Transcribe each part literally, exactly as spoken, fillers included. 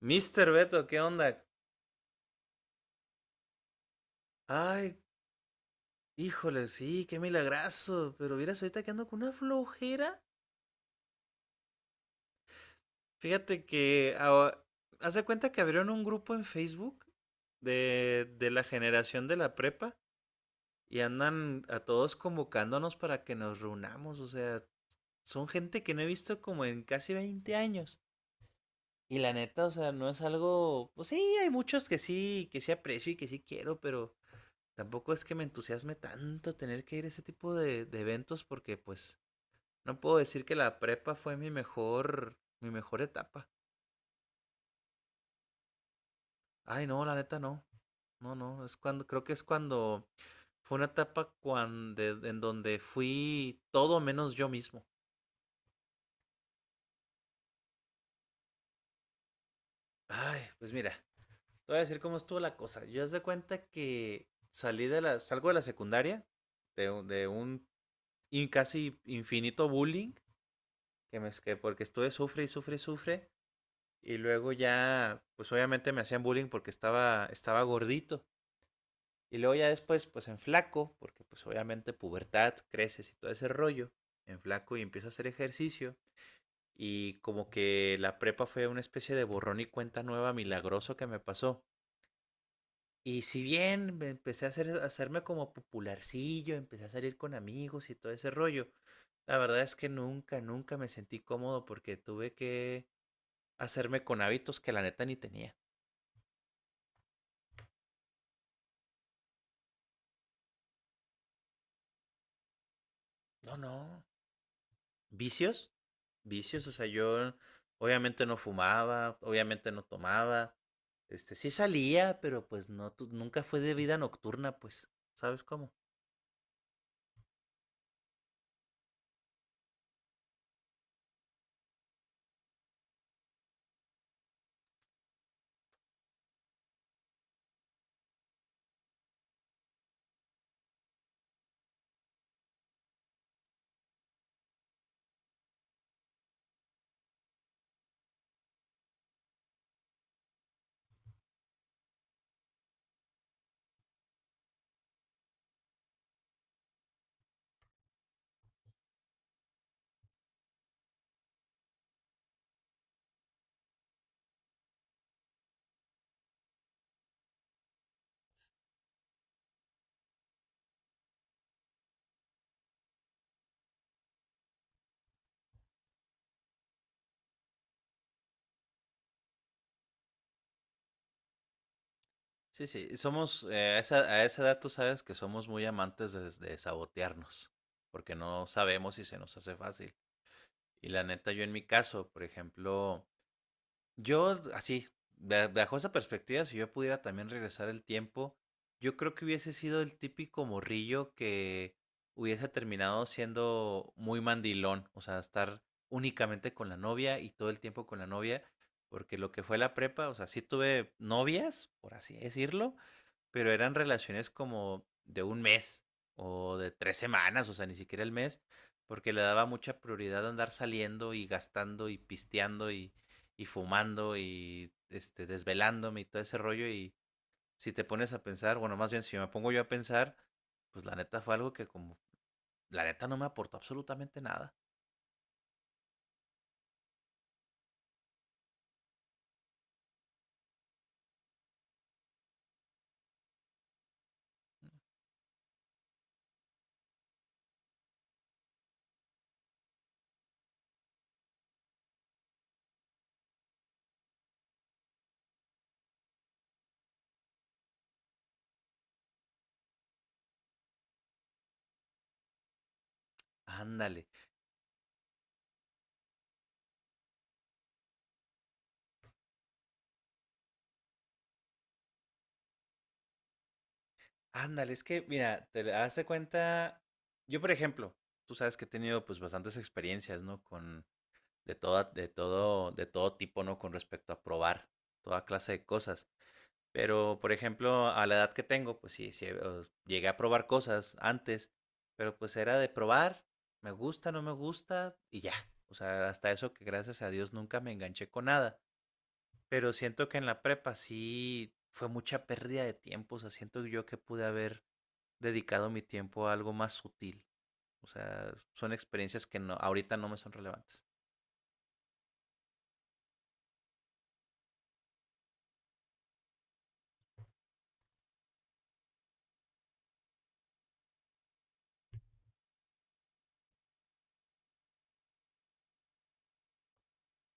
Mister Beto, ¿qué onda? Ay, híjole, sí, qué milagrazo. Pero vieras ahorita que ando con una flojera. Fíjate que ahora- Haz de cuenta que abrieron un grupo en Facebook de, de la generación de la prepa y andan a todos convocándonos para que nos reunamos. O sea, son gente que no he visto como en casi veinte años. Y la neta, o sea, no es algo. Pues sí, hay muchos que sí, que sí aprecio y que sí quiero, pero tampoco es que me entusiasme tanto tener que ir a ese tipo de, de eventos porque pues no puedo decir que la prepa fue mi mejor, mi mejor etapa. Ay, no, la neta no. No, no, es cuando, creo que es cuando fue una etapa cuando, en donde fui todo menos yo mismo. Ay, pues mira, te voy a decir cómo estuvo la cosa. Yo haz de cuenta que salí de la, salgo de la secundaria, de, un- de un in- casi infinito bullying, que me, que porque estuve sufre y sufre y sufre. Y luego ya, pues obviamente me hacían bullying porque estaba, estaba gordito. Y luego ya después, pues en flaco, porque pues obviamente pubertad, creces y todo ese rollo. En flaco y empiezo a hacer ejercicio. Y como que la prepa fue una especie de borrón y cuenta nueva milagroso que me pasó. Y si bien me empecé a, hacer, a hacerme como popularcillo, empecé a salir con amigos y todo ese rollo, la verdad es que nunca, nunca me sentí cómodo porque tuve que hacerme con hábitos que la neta ni tenía. No, no, vicios, vicios, o sea, yo obviamente no fumaba, obviamente no tomaba, este, sí salía, pero pues no, tu- nunca fue de vida nocturna, pues, ¿sabes cómo? Sí, sí, somos, eh, a esa, a esa edad tú sabes que somos muy amantes de, de sabotearnos, porque no sabemos si se nos hace fácil. Y la neta, yo en mi caso, por ejemplo, yo, así, ba- bajo esa perspectiva, si yo pudiera también regresar el tiempo, yo creo que hubiese sido el típico morrillo que hubiese terminado siendo muy mandilón, o sea, estar únicamente con la novia y todo el tiempo con la novia, porque lo que fue la prepa, o sea, sí tuve novias, por así decirlo, pero eran relaciones como de un mes o de tres semanas, o sea, ni siquiera el mes, porque le daba mucha prioridad a andar saliendo y gastando y pisteando y, y fumando y este, desvelándome y todo ese rollo. Y si te pones a pensar, bueno, más bien si me pongo yo a pensar, pues la neta fue algo que como, la neta no me aportó absolutamente nada. Ándale, ándale, es que, mira, te hace cuenta, yo por ejemplo, tú sabes que he tenido pues bastantes experiencias, ¿no? Con de, toda, de, todo, de todo tipo, ¿no? Con respecto a probar toda clase de cosas. Pero, por ejemplo, a la edad que tengo, pues sí, sí eh, llegué a probar cosas antes, pero pues era de probar, me gusta, no me gusta y ya. O sea, hasta eso que gracias a Dios nunca me enganché con nada. Pero siento que en la prepa sí fue mucha pérdida de tiempo. O sea, siento yo que pude haber dedicado mi tiempo a algo más sutil. O sea, son experiencias que no, ahorita no me son relevantes.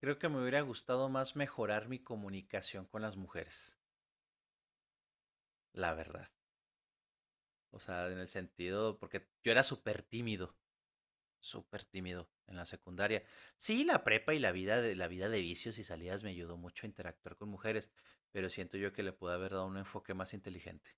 Creo que me hubiera gustado más mejorar mi comunicación con las mujeres, la verdad. O sea, en el sentido, porque yo era súper tímido, súper tímido en la secundaria. Sí, la prepa y la vida de, la vida de vicios y salidas me ayudó mucho a interactuar con mujeres, pero siento yo que le pude haber dado un enfoque más inteligente.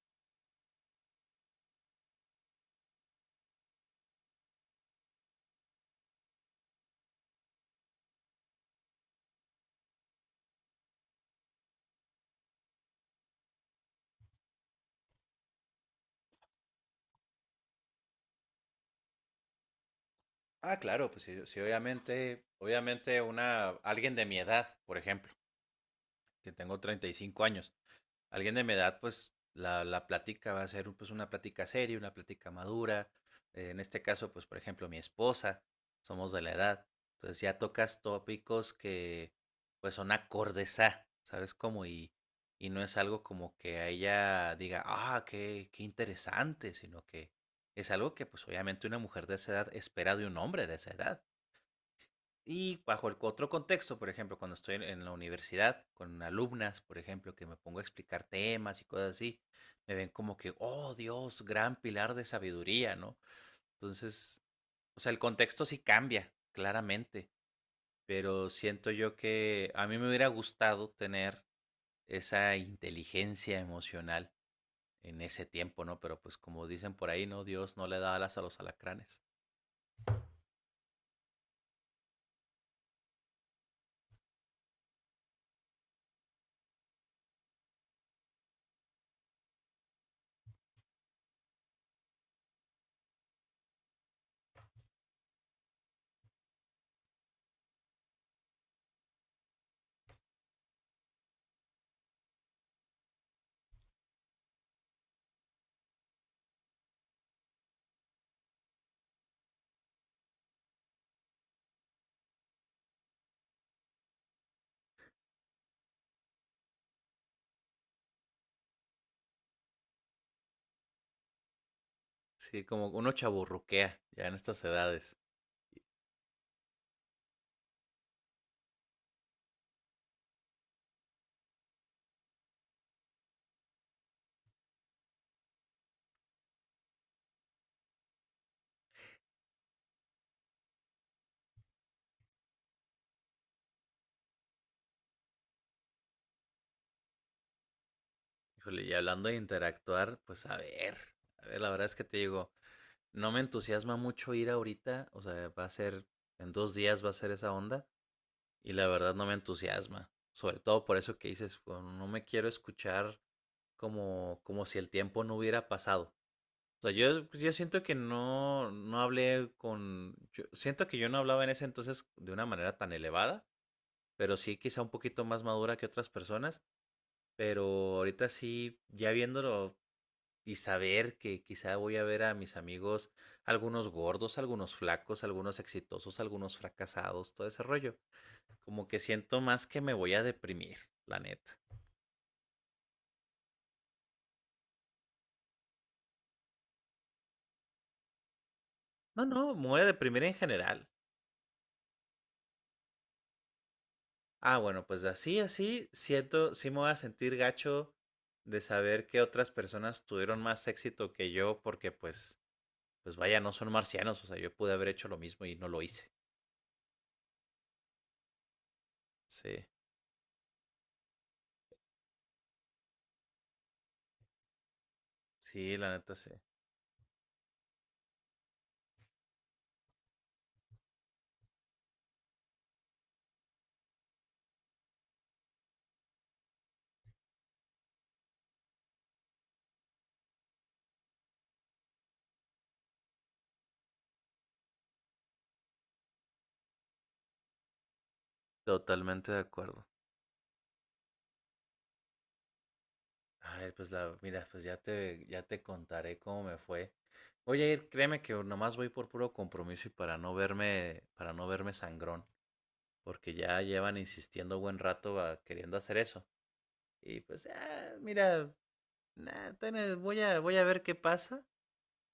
Ah, claro, pues sí, sí, obviamente, obviamente una, alguien de mi edad, por ejemplo, que tengo treinta y cinco años. Alguien de mi edad, pues la, la plática va a ser pues una plática seria, una plática madura. Eh, en este caso, pues por ejemplo, mi esposa, somos de la edad. Entonces ya tocas tópicos que pues son acordes a, ¿sabes cómo? Y, y no es algo como que a ella diga, ah, qué, qué interesante, sino que es algo que pues obviamente una mujer de esa edad espera de un hombre de esa edad. Y bajo el otro contexto, por ejemplo, cuando estoy en en la universidad con alumnas, por ejemplo, que me pongo a explicar temas y cosas así, me ven como que, oh Dios, gran pilar de sabiduría, ¿no? Entonces, o sea, el contexto sí cambia, claramente, pero siento yo que a mí me hubiera gustado tener esa inteligencia emocional en ese tiempo, ¿no? Pero pues como dicen por ahí, ¿no? Dios no le da alas a los alacranes. Sí, como uno chaburruquea ya en estas edades. Híjole, y hablando de interactuar, pues a ver, a ver, la verdad es que te digo, no me entusiasma mucho ir ahorita, o sea, va a ser, en dos días va a ser esa onda, y la verdad no me entusiasma, sobre todo por eso que dices, bueno, no me quiero escuchar como, como si el tiempo no hubiera pasado. O sea, yo, yo siento que no, no hablé con, yo siento que yo no hablaba en ese entonces de una manera tan elevada, pero sí quizá un poquito más madura que otras personas, pero ahorita sí, ya viéndolo y saber que quizá voy a ver a mis amigos, algunos gordos, algunos flacos, algunos exitosos, algunos fracasados, todo ese rollo. Como que siento más que me voy a deprimir, la neta. No, no, me voy a deprimir en general. Ah, bueno, pues así, así, siento, sí me voy a sentir gacho de saber que otras personas tuvieron más éxito que yo porque pues, pues vaya, no son marcianos, o sea, yo pude haber hecho lo mismo y no lo hice. Sí, sí, la neta sí. Totalmente de acuerdo. Ay, pues la, mira, pues ya te, ya te contaré cómo me fue. Voy a ir, créeme que nomás voy por puro compromiso y para no verme, para no verme sangrón, porque ya llevan insistiendo buen rato a- queriendo hacer eso. Y pues, ah, mira, nah, tene- voy a, voy a ver qué pasa.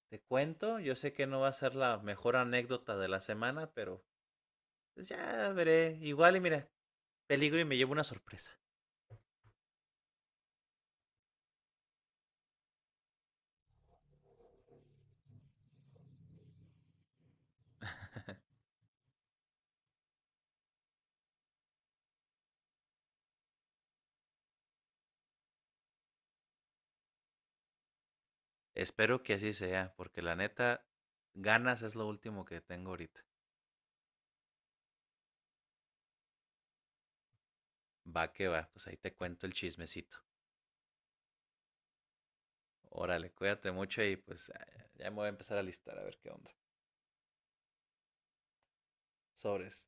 Te cuento, yo sé que no va a ser la mejor anécdota de la semana, pero pues ya veré. Igual y mira, peligro y me llevo una sorpresa. Espero que así sea, porque la neta, ganas es lo último que tengo ahorita. Va que va, pues ahí te cuento el chismecito. Órale, cuídate mucho y pues ya me voy a empezar a listar a ver qué onda. Sobres.